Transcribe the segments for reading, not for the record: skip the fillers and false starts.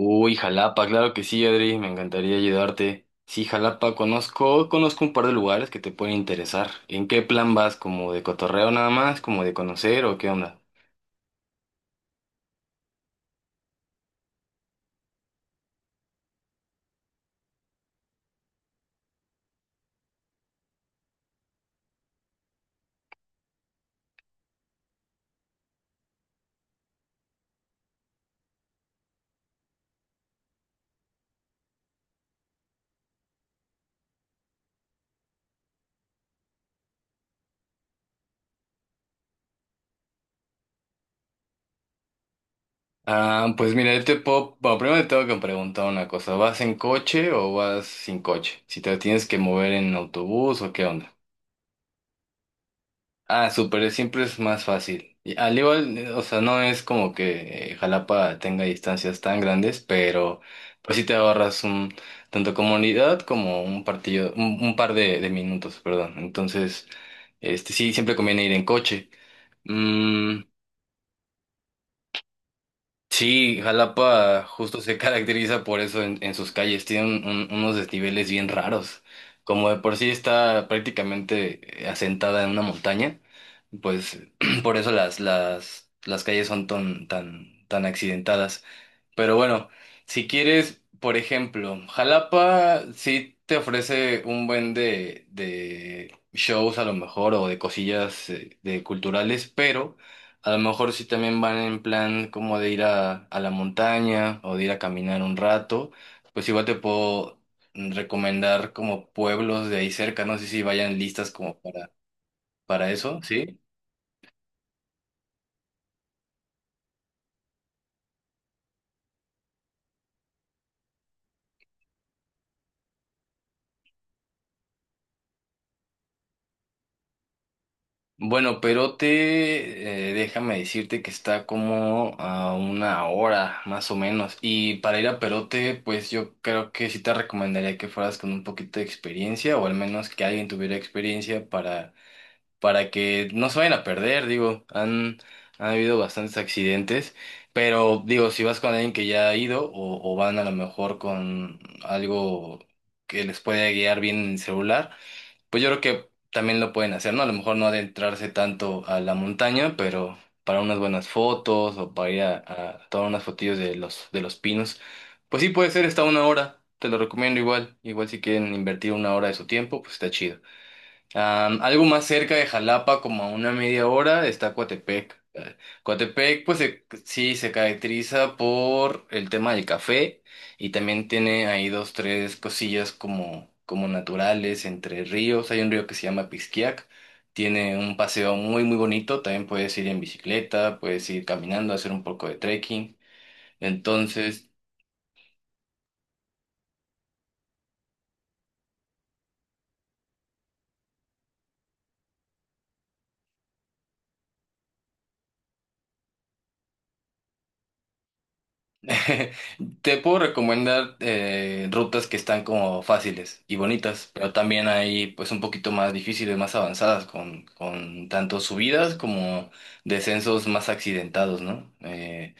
Uy, Jalapa, claro que sí, Adri, me encantaría ayudarte. Sí, Jalapa, conozco un par de lugares que te pueden interesar. ¿En qué plan vas? ¿Como de cotorreo nada más? ¿Como de conocer o qué onda? Ah, pues mira, Bueno, primero te tengo que preguntar una cosa. ¿Vas en coche o vas sin coche? Si te tienes que mover en autobús o qué onda. Ah, súper, siempre es más fácil. Y al igual, o sea, no es como que Jalapa tenga distancias tan grandes, pero pues sí te ahorras tanto comunidad como un partido, un par de minutos, perdón. Entonces, este sí, siempre conviene ir en coche. Mm. Sí, Jalapa justo se caracteriza por eso en sus calles. Tiene unos desniveles bien raros. Como de por sí está prácticamente asentada en una montaña, pues por eso las calles son tan accidentadas. Pero bueno, si quieres, por ejemplo, Jalapa sí te ofrece un buen de shows a lo mejor o de cosillas de culturales, pero a lo mejor sí también van en plan como de ir a la montaña o de ir a caminar un rato, pues igual te puedo recomendar como pueblos de ahí cerca, no sé si vayan listas como para eso, ¿sí? Bueno, Perote, déjame decirte que está como a una hora más o menos. Y para ir a Perote, pues yo creo que sí te recomendaría que fueras con un poquito de experiencia o al menos que alguien tuviera experiencia para que no se vayan a perder. Digo, han habido bastantes accidentes, pero digo, si vas con alguien que ya ha ido o van a lo mejor con algo que les pueda guiar bien en el celular. Pues yo creo que también lo pueden hacer, ¿no? A lo mejor no adentrarse tanto a la montaña, pero para unas buenas fotos o para ir a tomar unas fotillos de los pinos. Pues sí puede ser, está una hora, te lo recomiendo igual. Igual si quieren invertir una hora de su tiempo, pues está chido. Algo más cerca de Jalapa, como a una media hora, está Coatepec. Coatepec, pues sí, se caracteriza por el tema del café y también tiene ahí dos, tres cosillas como, como naturales entre ríos. Hay un río que se llama Pisquiac, tiene un paseo muy, muy bonito. También puedes ir en bicicleta, puedes ir caminando, hacer un poco de trekking. Entonces, te puedo recomendar rutas que están como fáciles y bonitas, pero también hay pues un poquito más difíciles, más avanzadas, con tanto subidas como descensos más accidentados, ¿no? Eh,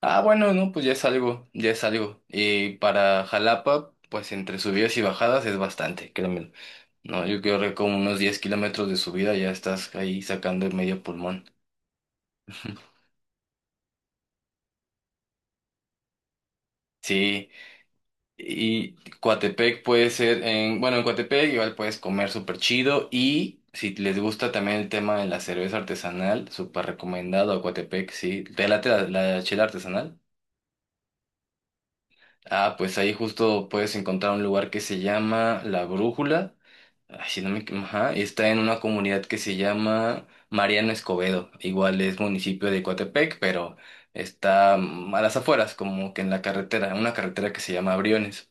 ah, Bueno, no, pues ya es algo, ya es algo. Y para Jalapa, pues entre subidas y bajadas es bastante, créeme. No, yo creo que como unos 10 kilómetros de subida ya estás ahí sacando el medio pulmón. Sí. Y Coatepec puede ser en Coatepec igual puedes comer súper chido y si les gusta también el tema de la cerveza artesanal, súper recomendado a Coatepec, sí. ¿Te late la chela artesanal? Ah, pues ahí justo puedes encontrar un lugar que se llama La Brújula. Ay, si no me, equi- ajá, está en una comunidad que se llama Mariano Escobedo. Igual es municipio de Coatepec, pero está a las afueras, como que en la carretera, una carretera que se llama Briones.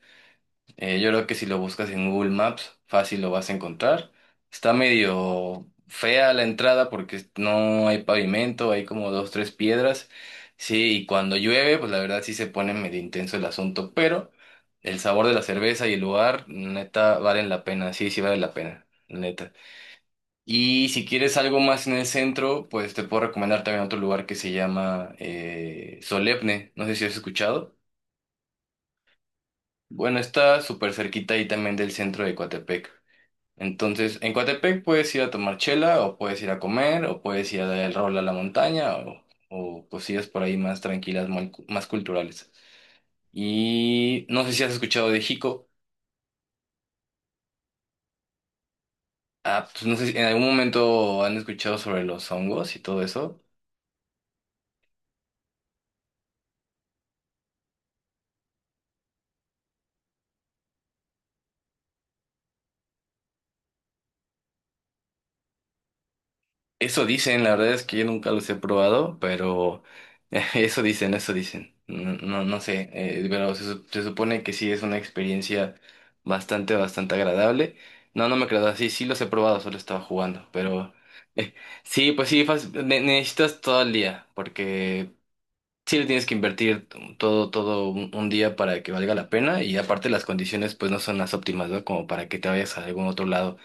Yo creo que si lo buscas en Google Maps, fácil lo vas a encontrar. Está medio fea la entrada porque no hay pavimento, hay como dos, tres piedras. Sí, y cuando llueve, pues la verdad sí se pone medio intenso el asunto, pero el sabor de la cerveza y el lugar, neta, valen la pena. Sí, sí vale la pena, neta. Y si quieres algo más en el centro, pues te puedo recomendar también otro lugar que se llama Solemne. No sé si has escuchado. Bueno, está súper cerquita ahí también del centro de Coatepec. Entonces, en Coatepec puedes ir a tomar chela, o puedes ir a comer, o puedes ir a dar el rol a la montaña, o cosillas por ahí más tranquilas, más culturales. Y no sé si has escuchado de Jico. Ah, pues no sé si en algún momento han escuchado sobre los hongos y todo eso. Eso dicen, la verdad es que yo nunca los he probado, pero eso dicen, eso dicen. No, no, no sé, pero se, se supone que sí es una experiencia bastante, bastante agradable. No, no me quedado así, sí los he probado, solo estaba jugando, pero eh, sí, pues sí, necesitas todo el día, porque sí le tienes que invertir todo, todo un día para que valga la pena y aparte las condiciones pues no son las óptimas, ¿no? Como para que te vayas a algún otro lado.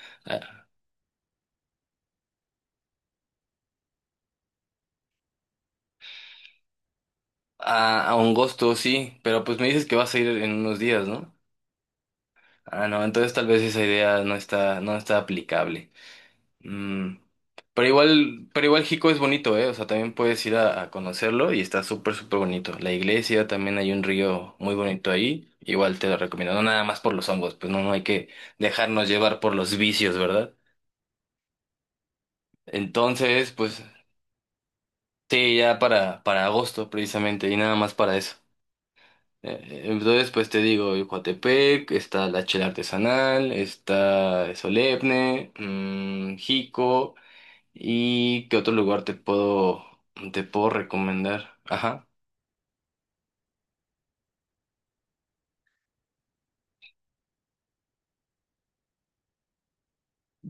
A un gusto, sí, pero pues me dices que vas a ir en unos días, ¿no? Ah, no, entonces tal vez esa idea no está aplicable. Mm. Pero igual Jico es bonito, ¿eh? O sea, también puedes ir a conocerlo y está súper, súper bonito. La iglesia, también hay un río muy bonito ahí. Igual te lo recomiendo. No nada más por los hongos, pues no, no hay que dejarnos llevar por los vicios, ¿verdad? Entonces, pues sí, ya para agosto precisamente y nada más para eso. Entonces, pues te digo, el Coatepec, está la chela artesanal, está Solemne, Jico, y ¿qué otro lugar te puedo recomendar? Ajá.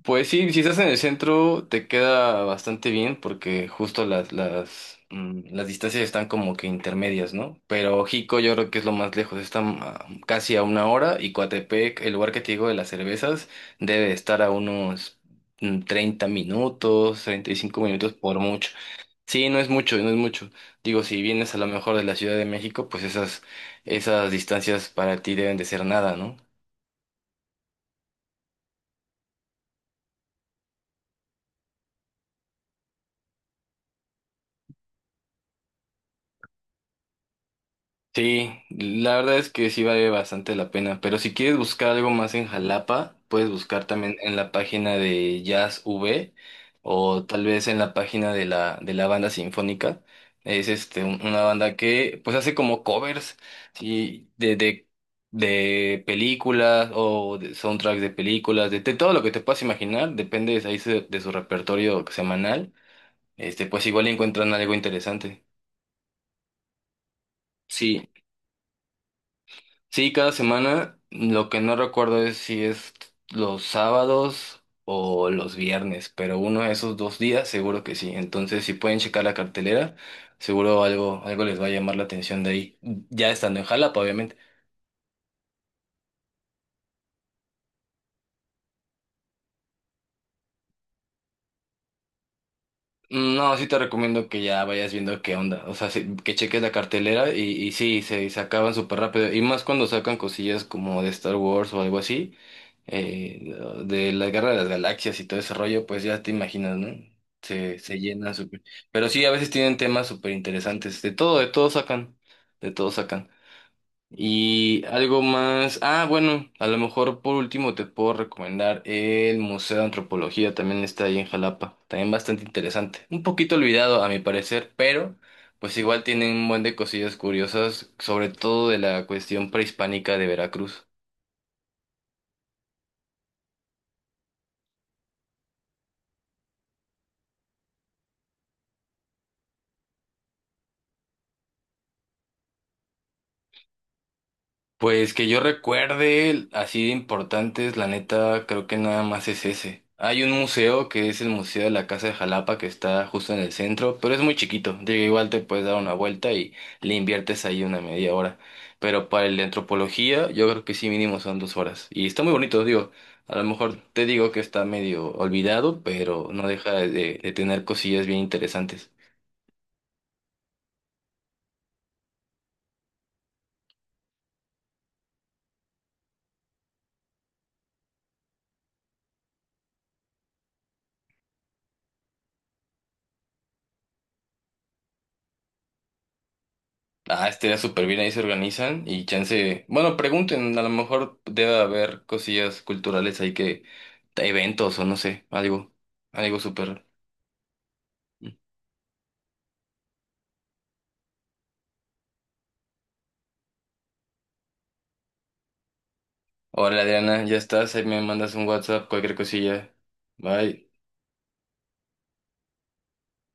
Pues sí, si estás en el centro te queda bastante bien porque justo las distancias están como que intermedias, ¿no? Pero Jico yo creo que es lo más lejos, está casi a una hora y Coatepec, el lugar que te digo de las cervezas, debe estar a unos 30 minutos, 35 minutos por mucho. Sí, no es mucho, no es mucho. Digo, si vienes a lo mejor de la Ciudad de México, pues esas, esas distancias para ti deben de ser nada, ¿no? Sí, la verdad es que sí vale bastante la pena, pero si quieres buscar algo más en Jalapa, puedes buscar también en la página de Jazz V o tal vez en la página de la banda sinfónica. Es este, una banda que pues hace como covers, sí, de, de películas o de soundtracks de películas, de todo lo que te puedas imaginar, depende de su repertorio semanal. Este, pues igual encuentran algo interesante. Sí, sí, cada semana. Lo que no recuerdo es si es los sábados o los viernes, pero uno de esos dos días seguro que sí. Entonces, si pueden checar la cartelera, seguro algo, algo les va a llamar la atención de ahí. Ya estando en Jalapa, obviamente. No, sí te recomiendo que ya vayas viendo qué onda. O sea, sí, que cheques la cartelera y sí, se acaban súper rápido. Y más cuando sacan cosillas como de Star Wars o algo así, eh, de la Guerra de las Galaxias y todo ese rollo, pues ya te imaginas, ¿no? Se llena súper. Pero sí, a veces tienen temas súper interesantes. De todo sacan. De todo sacan. Y algo más. Ah, bueno, a lo mejor por último te puedo recomendar el Museo de Antropología, también está ahí en Jalapa, también bastante interesante. Un poquito olvidado a mi parecer, pero pues igual tienen un buen de cosillas curiosas, sobre todo de la cuestión prehispánica de Veracruz. Pues que yo recuerde, así de importantes, la neta, creo que nada más es ese. Hay un museo que es el Museo de la Casa de Jalapa que está justo en el centro, pero es muy chiquito. Digo, igual te puedes dar una vuelta y le inviertes ahí una media hora. Pero para el de antropología, yo creo que sí mínimo son 2 horas. Y está muy bonito, digo. A lo mejor te digo que está medio olvidado, pero no deja de tener cosillas bien interesantes. Ah, estaría súper bien, ahí se organizan y chance, bueno, pregunten, a lo mejor debe haber cosillas culturales ahí que, eventos o no sé, algo, algo súper. Hola Adriana, ya estás, ahí me mandas un WhatsApp, cualquier cosilla. Bye.